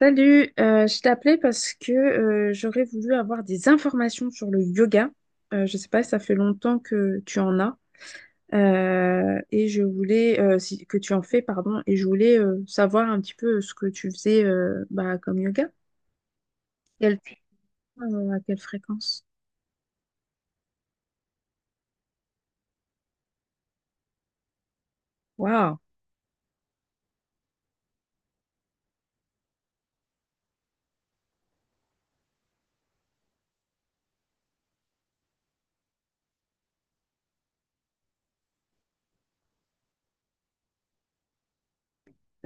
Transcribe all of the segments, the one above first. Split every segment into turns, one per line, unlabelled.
Je t'appelais parce que j'aurais voulu avoir des informations sur le yoga. Je sais pas, ça fait longtemps que tu en as et je voulais que tu en fais, pardon, et je voulais savoir un petit peu ce que tu faisais comme yoga. Quel À quelle fréquence? Waouh.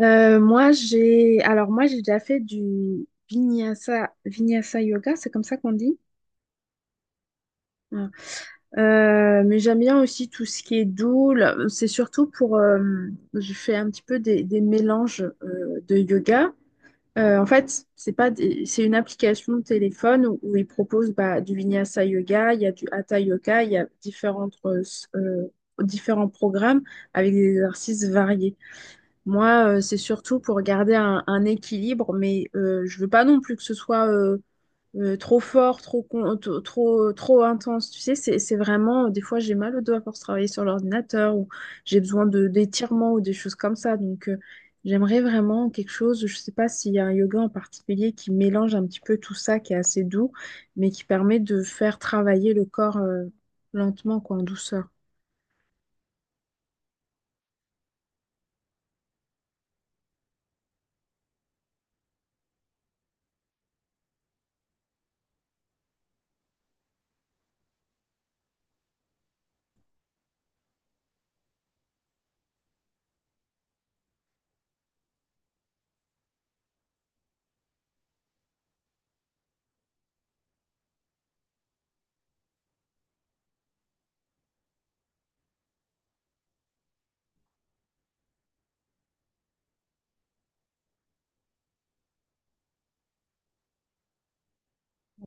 Moi j'ai déjà fait du vinyasa yoga, c'est comme ça qu'on dit. Euh, mais j'aime bien aussi tout ce qui est doux là. C'est surtout pour je fais un petit peu des mélanges de yoga. En fait, c'est pas des- c'est une application de téléphone où ils proposent bah, du Vinyasa Yoga, il y a du Hatha Yoga, il y a différents programmes avec des exercices variés. Moi, c'est surtout pour garder un équilibre, mais je veux pas non plus que ce soit trop fort, trop, con- to- trop, trop intense. Tu sais, c'est vraiment, des fois, j'ai mal au doigt pour travailler sur l'ordinateur ou j'ai besoin d'étirements ou des choses comme ça. Donc, j'aimerais vraiment quelque chose, je sais pas s'il y a un yoga en particulier qui mélange un petit peu tout ça, qui est assez doux, mais qui permet de faire travailler le corps, lentement, quoi, en douceur.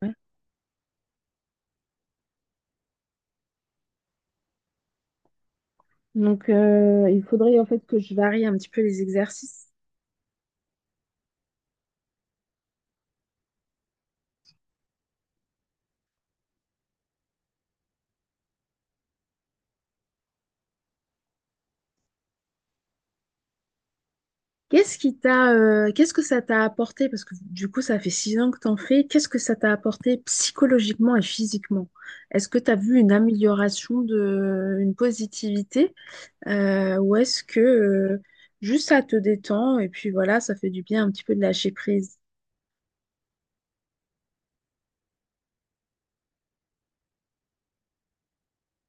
Ouais. Donc, il faudrait en fait que je varie un petit peu les exercices. Qu'est-ce que ça t'a apporté? Parce que du coup, ça fait six ans que t'en fais. Qu'est-ce que ça t'a apporté psychologiquement et physiquement? Est-ce que t'as vu une amélioration de, une positivité? Ou est-ce que juste ça te détend et puis voilà, ça fait du bien un petit peu de lâcher prise?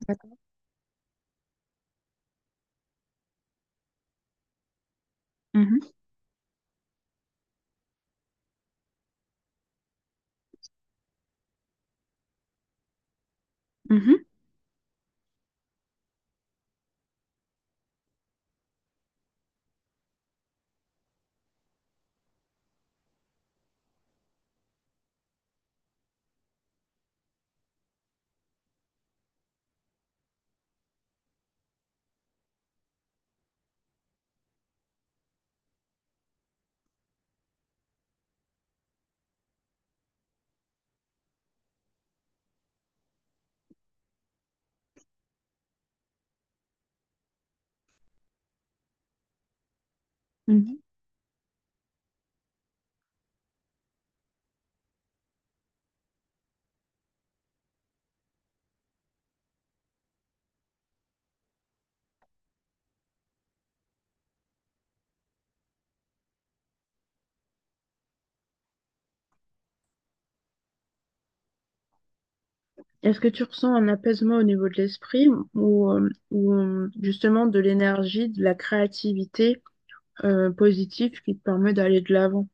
D'accord. Mhm, mhm, mhm. Est-ce que tu ressens un apaisement au niveau de l'esprit ou justement de l'énergie, de la créativité positive qui te permet d'aller de l'avant?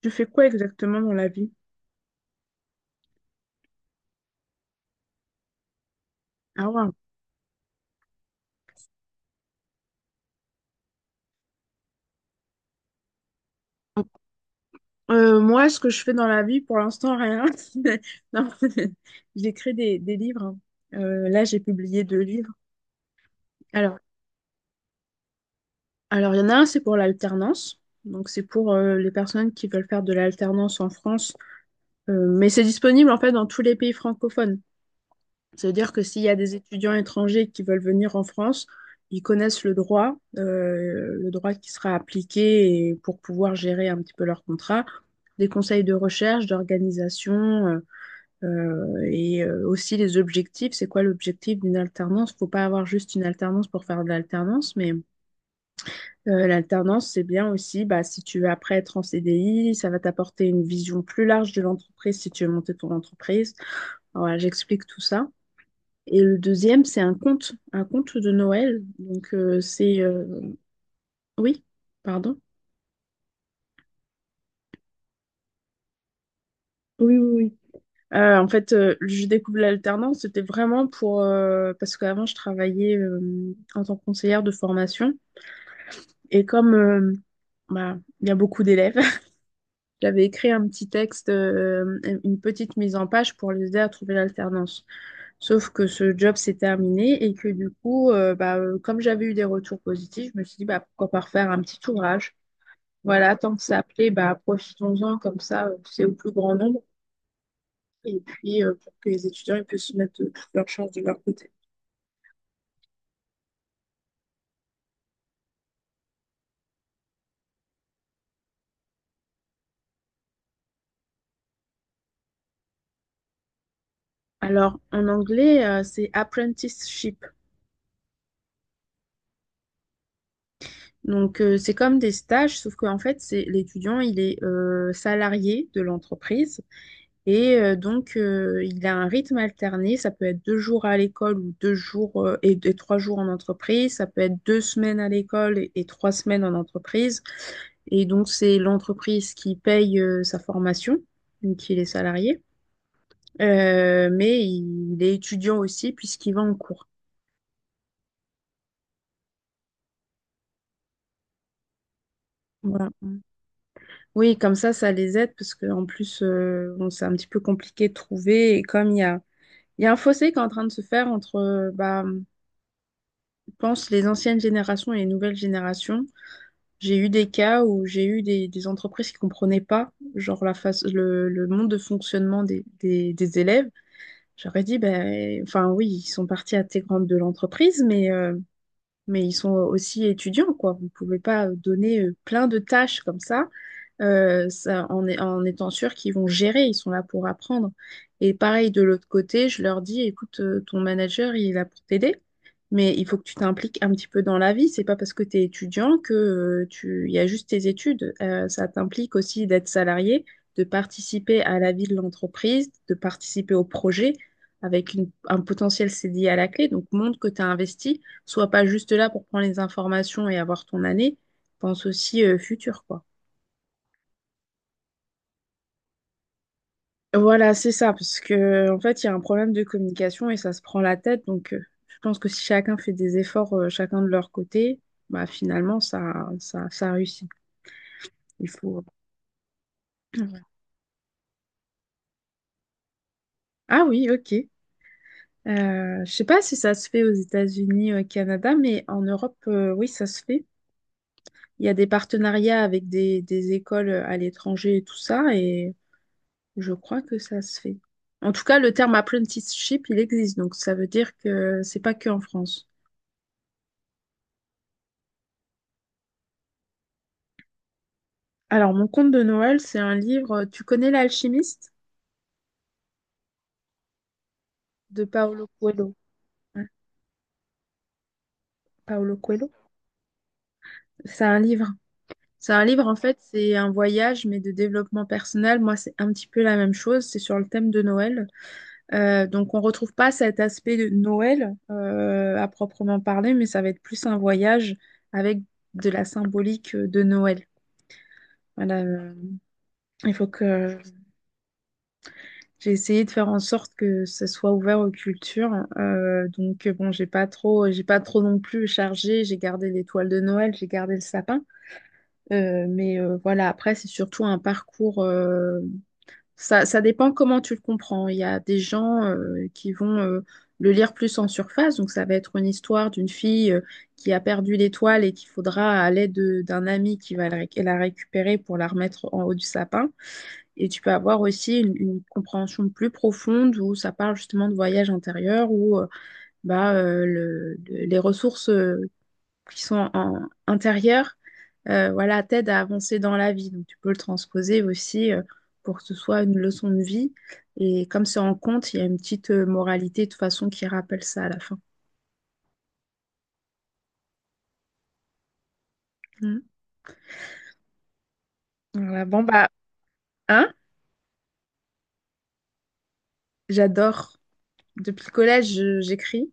Tu fais quoi exactement dans la vie? Ah ouais. Moi, ce que je fais dans la vie, pour l'instant, rien. Non, j'écris des livres, hein. Là, j'ai publié deux livres. Alors, alors, il y en a un, c'est pour l'alternance. Donc, c'est pour les personnes qui veulent faire de l'alternance en France. Mais c'est disponible, en fait, dans tous les pays francophones. Ça veut dire que s'il y a des étudiants étrangers qui veulent venir en France, ils connaissent le droit qui sera appliqué, et pour pouvoir gérer un petit peu leur contrat, des conseils de recherche, d'organisation et aussi les objectifs. C'est quoi l'objectif d'une alternance? Faut pas avoir juste une alternance pour faire de l'alternance, mais l'alternance, c'est bien aussi, bah, si tu veux après être en CDI, ça va t'apporter une vision plus large de l'entreprise si tu veux monter ton entreprise. Alors, voilà, j'explique tout ça. Et le deuxième, c'est un conte de Noël. Oui, pardon. Oui, oui, oui. En fait, je découvre l'alternance, c'était vraiment pour... parce qu'avant, je travaillais en tant que conseillère de formation. Et comme il y a beaucoup d'élèves, j'avais écrit un petit texte, une petite mise en page pour les aider à trouver l'alternance. Sauf que ce job s'est terminé et que du coup, comme j'avais eu des retours positifs, je me suis dit, bah, pourquoi pas refaire un petit ouvrage. Voilà, tant que ça plaît, bah, profitons-en, comme ça, c'est au plus grand nombre. Et puis, pour que les étudiants ils puissent mettre toutes leurs chances de leur côté. Alors, en anglais, c'est apprenticeship. Donc, c'est comme des stages, sauf qu'en fait, c'est l'étudiant, il est salarié de l'entreprise. Et donc, il a un rythme alterné. Ça peut être deux jours à l'école ou deux jours et et trois jours en entreprise. Ça peut être deux semaines à l'école et trois semaines en entreprise. Et donc, c'est l'entreprise qui paye sa formation, donc il est salarié. Mais il est étudiant aussi puisqu'il va en cours. Voilà. Oui, comme ça les aide parce qu'en plus, bon, c'est un petit peu compliqué de trouver. Et comme il y a un fossé qui est en train de se faire entre pense les anciennes générations et les nouvelles générations, j'ai eu des cas où j'ai eu des entreprises qui comprenaient pas genre la face, le monde de fonctionnement des élèves. J'aurais dit, ben, enfin oui, ils sont partis à intégrante de l'entreprise, mais ils sont aussi étudiants, quoi. Vous ne pouvez pas donner plein de tâches comme ça, en étant sûr qu'ils vont gérer, ils sont là pour apprendre. Et pareil, de l'autre côté, je leur dis, écoute, ton manager, il est là pour t'aider, mais il faut que tu t'impliques un petit peu dans la vie. C'est pas parce que tu es étudiant que il y a juste tes études. Ça t'implique aussi d'être salarié, de participer à la vie de l'entreprise, de participer au projet avec un potentiel CDI à la clé. Donc, montre que tu as investi. Sois pas juste là pour prendre les informations et avoir ton année. Pense aussi futur, quoi. Voilà, c'est ça, parce que en fait, il y a un problème de communication et ça se prend la tête. Donc, je pense que si chacun fait des efforts, chacun de leur côté, bah finalement, ça réussit. Il faut. Ouais. Ah oui, ok. Je sais pas si ça se fait aux États-Unis, au Canada, mais en Europe, oui, ça se fait. Il y a des partenariats avec des écoles à l'étranger et tout ça, et je crois que ça se fait. En tout cas, le terme apprenticeship, il existe, donc ça veut dire que c'est pas que en France. Alors, mon conte de Noël, c'est un livre, tu connais L'Alchimiste de Paolo Coelho. Hein, Paolo Coelho? C'est un livre. C'est un livre, en fait, c'est un voyage, mais de développement personnel. Moi, c'est un petit peu la même chose. C'est sur le thème de Noël. Donc, on retrouve pas cet aspect de Noël à proprement parler, mais ça va être plus un voyage avec de la symbolique de Noël. Voilà. Il faut que j'ai essayé de faire en sorte que ce soit ouvert aux cultures. Donc bon, j'ai pas trop non plus chargé. J'ai gardé l'étoile de Noël, j'ai gardé le sapin. Mais voilà, après c'est surtout un parcours. Ça ça dépend comment tu le comprends. Il y a des gens qui vont le lire plus en surface. Donc ça va être une histoire d'une fille qui a perdu l'étoile et qu'il faudra à l'aide d'un ami qui va la récupérer pour la remettre en haut du sapin. Et tu peux avoir aussi une compréhension plus profonde où ça parle justement de voyage intérieur, où les ressources qui sont intérieures voilà, t'aident à avancer dans la vie. Donc tu peux le transposer aussi pour que ce soit une leçon de vie. Et comme c'est en compte, il y a une petite moralité de toute façon qui rappelle ça à la fin. Mm. Voilà, bon bah, hein, j'adore. Depuis le collège, j'écris.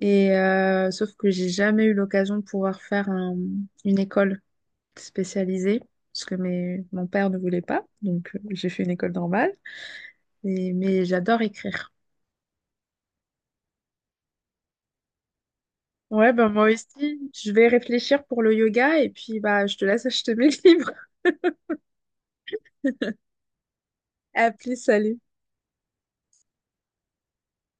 Et sauf que j'ai jamais eu l'occasion de pouvoir faire une école spécialisée parce que mon père ne voulait pas, donc j'ai fait une école normale. Mais j'adore écrire. Ouais, ben moi aussi, je vais réfléchir pour le yoga et puis bah je te laisse acheter mes livres. À plus, salut.